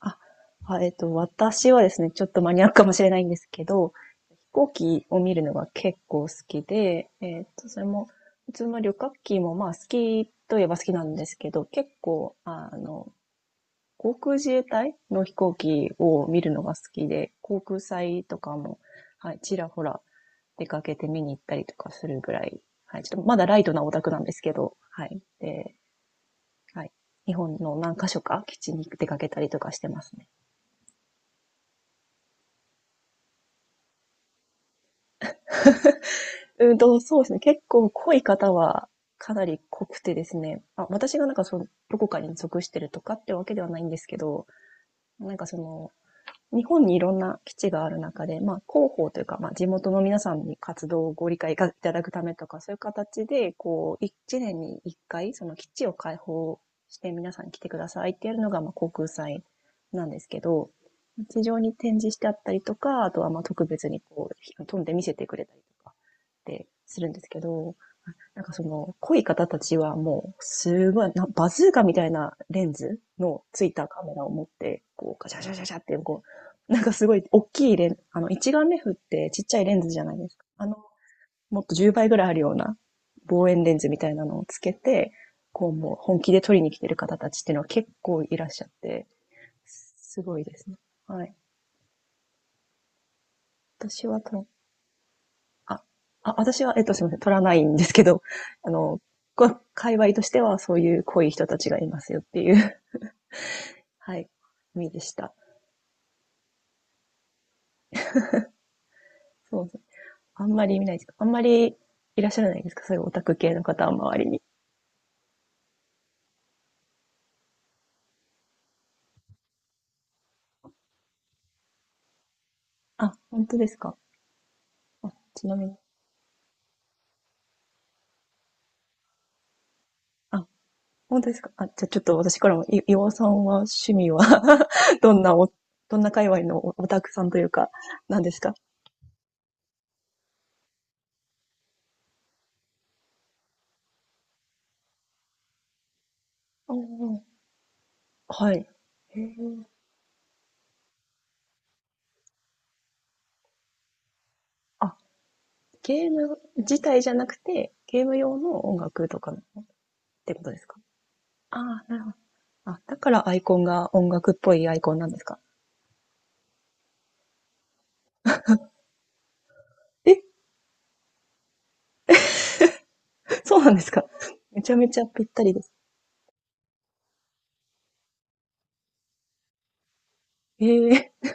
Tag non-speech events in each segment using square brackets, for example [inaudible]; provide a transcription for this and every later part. あ、あ、私はですね、ちょっとマニアックかもしれないんですけど、飛行機を見るのが結構好きで、それも、普通の旅客機もまあ好きといえば好きなんですけど、結構、航空自衛隊の飛行機を見るのが好きで、航空祭とかも、はい、ちらほら出かけて見に行ったりとかするぐらい、はい、ちょっとまだライトなオタクなんですけど、はい。で、はい。日本の何箇所か基地に出かけたりとかしてますね。そうですね。結構濃い方はかなり濃くてですね。あ、私がなんかその、どこかに属してるとかってわけではないんですけど、なんかその、日本にいろんな基地がある中で、まあ、広報というか、まあ、地元の皆さんに活動をご理解いただくためとか、そういう形で、こう、1年に1回、その基地を開放して皆さん来てくださいってやるのが、まあ、航空祭なんですけど、地上に展示してあったりとか、あとはまあ特別にこう、飛んで見せてくれたりとかってするんですけど、なんかその、濃い方たちはもう、すごい、なバズーカみたいなレンズのついたカメラを持って、こう、ガシャガシャガシャって、こう、なんかすごい大きい一眼レフってちっちゃいレンズじゃないですか。もっと10倍ぐらいあるような望遠レンズみたいなのをつけて、こうもう本気で撮りに来てる方たちっていうのは結構いらっしゃって、すごいですね。はい。私はと、あ、私は、すみません、取らないんですけど、あの、界隈としてはそういう濃い人たちがいますよっていう [laughs] はい、意味でした。そうですね。あんまり見ないですか？あんまりいらっしゃらないですか？そういうオタク系の方は周りに。あ、本当ですか？あ、ちなみに。あ、本当ですか？あ、じゃあちょっと私からも、岩尾さんは趣味は [laughs] どんなお、どんな界隈のオタクさんというか、何ですか？おー、はい。へー、あ、ゲーム自体じゃなくて、ゲーム用の音楽とかってことですか？ああ、なるほど。あ、だからアイコンが音楽っぽいアイコンなんですか？え、そうなんですか？めちゃめちゃぴったりです。ええ、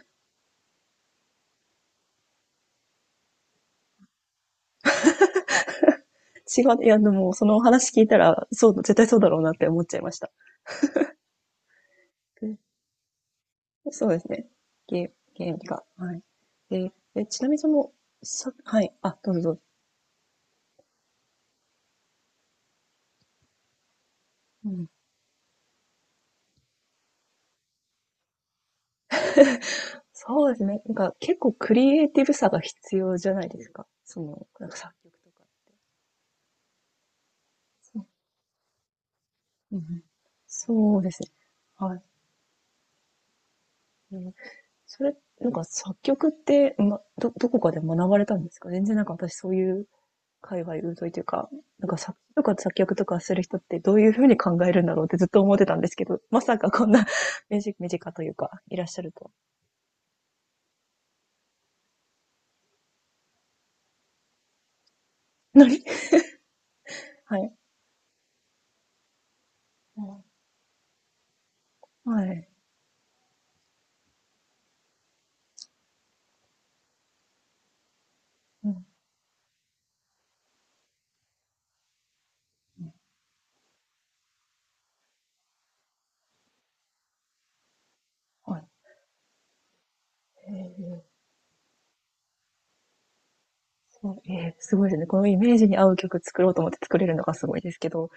違う、いや、でも、そのお話聞いたら、そう、絶対そうだろうなって思っちゃいました。で、そうですね。ゲー、ゲームが。はい。で、ちなみにその、はい。あ、どうぞどうぞ。うん、そうですね。なんか結構クリエイティブさが必要じゃないですか。その、なんか作曲とか。うん、そうですね。はい。うん、なんか作曲って、どこかで学ばれたんですか？全然なんか私そういう界隈疎いというか、なんか作詞とか作曲とかする人ってどういうふうに考えるんだろうってずっと思ってたんですけど、まさかこんな [laughs] 身近というか、いらっしゃるとは。なはい。うん、はい。うん、はい。えーそう、すごいですね。このイメージに合う曲作ろうと思って作れるのがすごいですけど、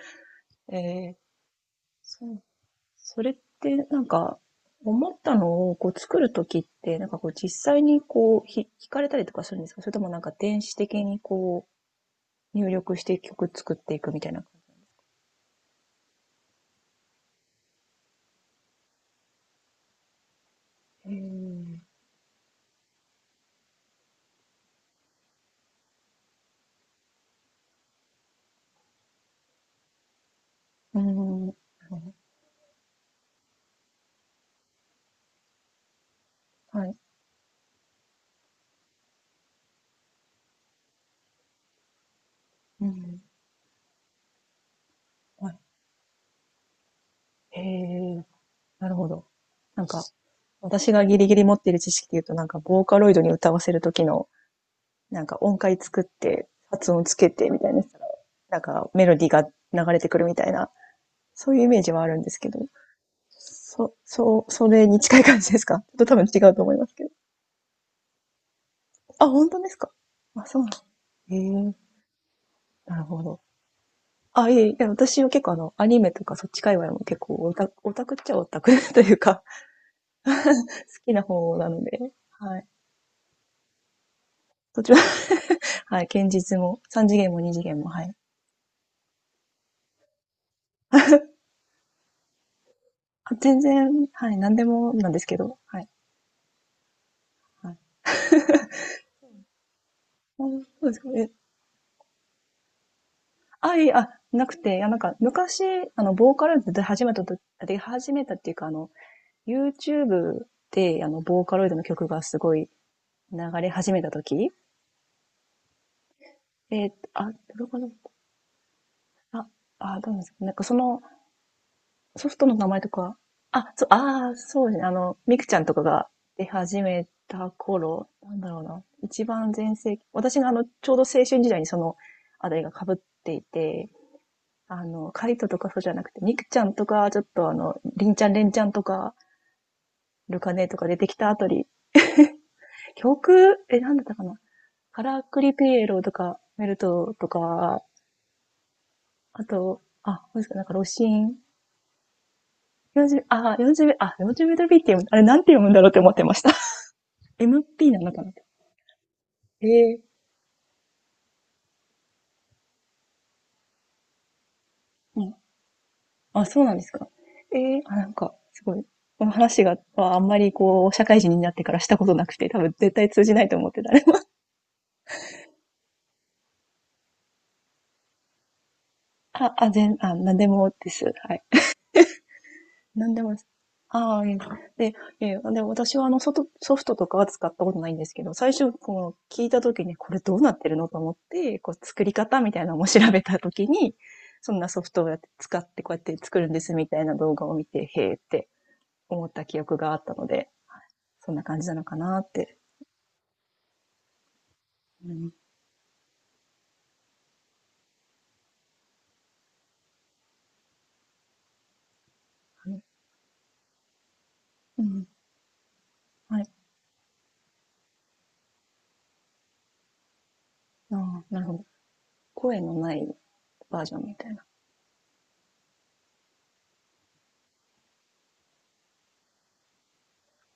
ええ、そう、それってなんか、思ったのをこう作るときって、なんかこう実際にこう弾かれたりとかするんですか？それともなんか電子的にこう入力して曲作っていくみたいな。うん。うーん。なるほど、はい。うん。はい。へえ、なるほど。なんか、私がギリギリ持っている知識で言うと、なんか、ボーカロイドに歌わせるときの、なんか音階作って、発音つけてみたいなしたら、なんかメロディーが流れてくるみたいな、そういうイメージはあるんですけど。そう、それに近い感じですか？ [laughs] ちょっと多分違うと思いますけど。あ、本当ですか？あ、そうなの。ええ、なるほど。あ、いえいえ、いや私は結構アニメとかそっち界隈も結構オタクっちゃオタク [laughs] というか、好きな方なので、はい。そっちは、[laughs] はい、堅実も、三次元も二次元も、はい。あ、全然、はい、何でもなんですけど、はい。はい、あ、そうですか。え、あ、いえ、あ、なくて、いや、なんか、昔、ボーカルで始めたと、で、始めたっていうか、YouTube で、ボーカロイドの曲がすごい流れ始めたとき、あ、どれか、あ、あ、どうなんですか？なんかその、ソフトの名前とか、あ、そう、ああ、そうですね。ミクちゃんとかが出始めた頃、なんだろうな。一番全盛期。私がちょうど青春時代にその、あれが被っていて、カリトとかそうじゃなくて、ミクちゃんとか、ちょっとリンちゃん、レンちゃんとか、ルカネとか出てきたあたり、曲、なんだったかな、カラクリピエロとか、メルトとか、あと、あ、何ですか、なんか、ロシン。40、あ、40メ、あ、40メートルビーって読む、あれなんて読むんだろうって思ってました。[laughs] MP なのかなって。えうん。あ、そうなんですか。あ、なんか、すごい。この話が、あんまりこう、社会人になってからしたことなくて、多分絶対通じないと思ってた。[laughs] あ、あ、なんでもです。はい。なんでも、ああ、いいです、で、いえ、で、私はソフトとかは使ったことないんですけど、最初、こう、聞いたときに、これどうなってるのと思って、こう、作り方みたいなのも調べたときに、そんなソフトをやって使って、こうやって作るんですみたいな動画を見て、へえって思った記憶があったので、そんな感じなのかなって。うん、うん、はい。ああ、なるほど。声のないバージョンみたいな。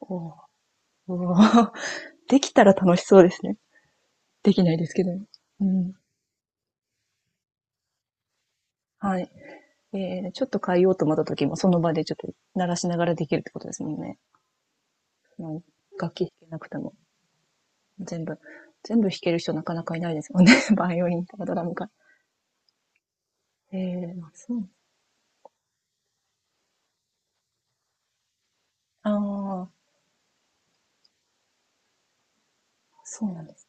おお、おー、 [laughs] できたら楽しそうですね。できないですけど。うん。はい。ちょっと変えようと思った時も、その場でちょっと鳴らしながらできるってことですもんね。うん、楽器弾けなくても、全部、全部弾ける人なかなかいないですもんね。[laughs] バイオリンとかドラムか。ええ、そう。ああ、そうなんです。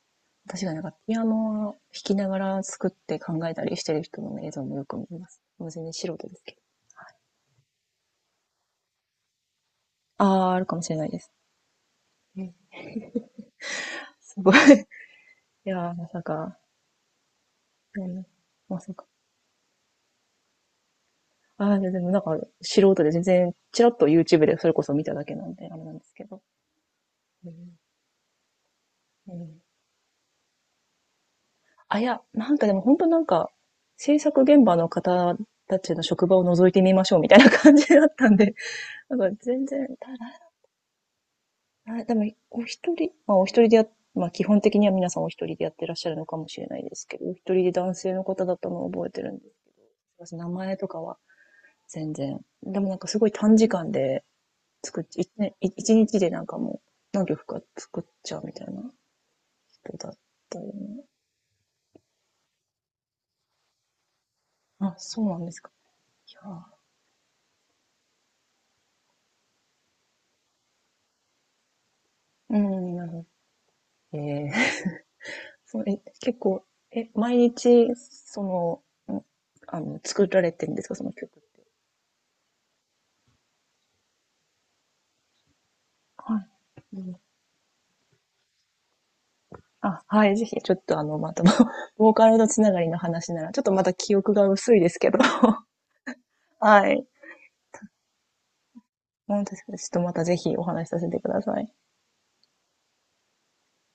私がなんかピアノを弾きながら作って考えたりしてる人の映像もよく見ます。もう全然素人ですけど。はい、ああ、あるかもしれないです。うん。すごい。[laughs] いやー、まさか、うん。まさか、ああ、でもなんか、素人で全然、チラッと YouTube でそれこそ見ただけなんで、あれなんですけど。うん、うん。あ、いや、なんかでも本当なんか、制作現場の方たちの職場を覗いてみましょうみたいな感じだったんで、[laughs] なんか全然、ただ、あ、でも、お一人、まあお一人でや、まあ基本的には皆さんお一人でやってらっしゃるのかもしれないですけど、お一人で男性の方だったのを覚えてるんです。名前とかは全然。でもなんかすごい短時間で、作っちゃ、一年、一日でなんかもう何曲か作っちゃうみたいな人だったよね。あ、そうなんですか。いやー、うん、なるほど。[laughs] そう、結構、毎日、その、作られてるんですか、その曲って。はい。うん、あ、はい、ぜひ、ちょっとまた、[laughs] ボーカルのつながりの話なら、ちょっとまた記憶が薄いですけど、[laughs] はい。本当ですか？ちょっとまたぜひお話しさせてください。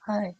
はい。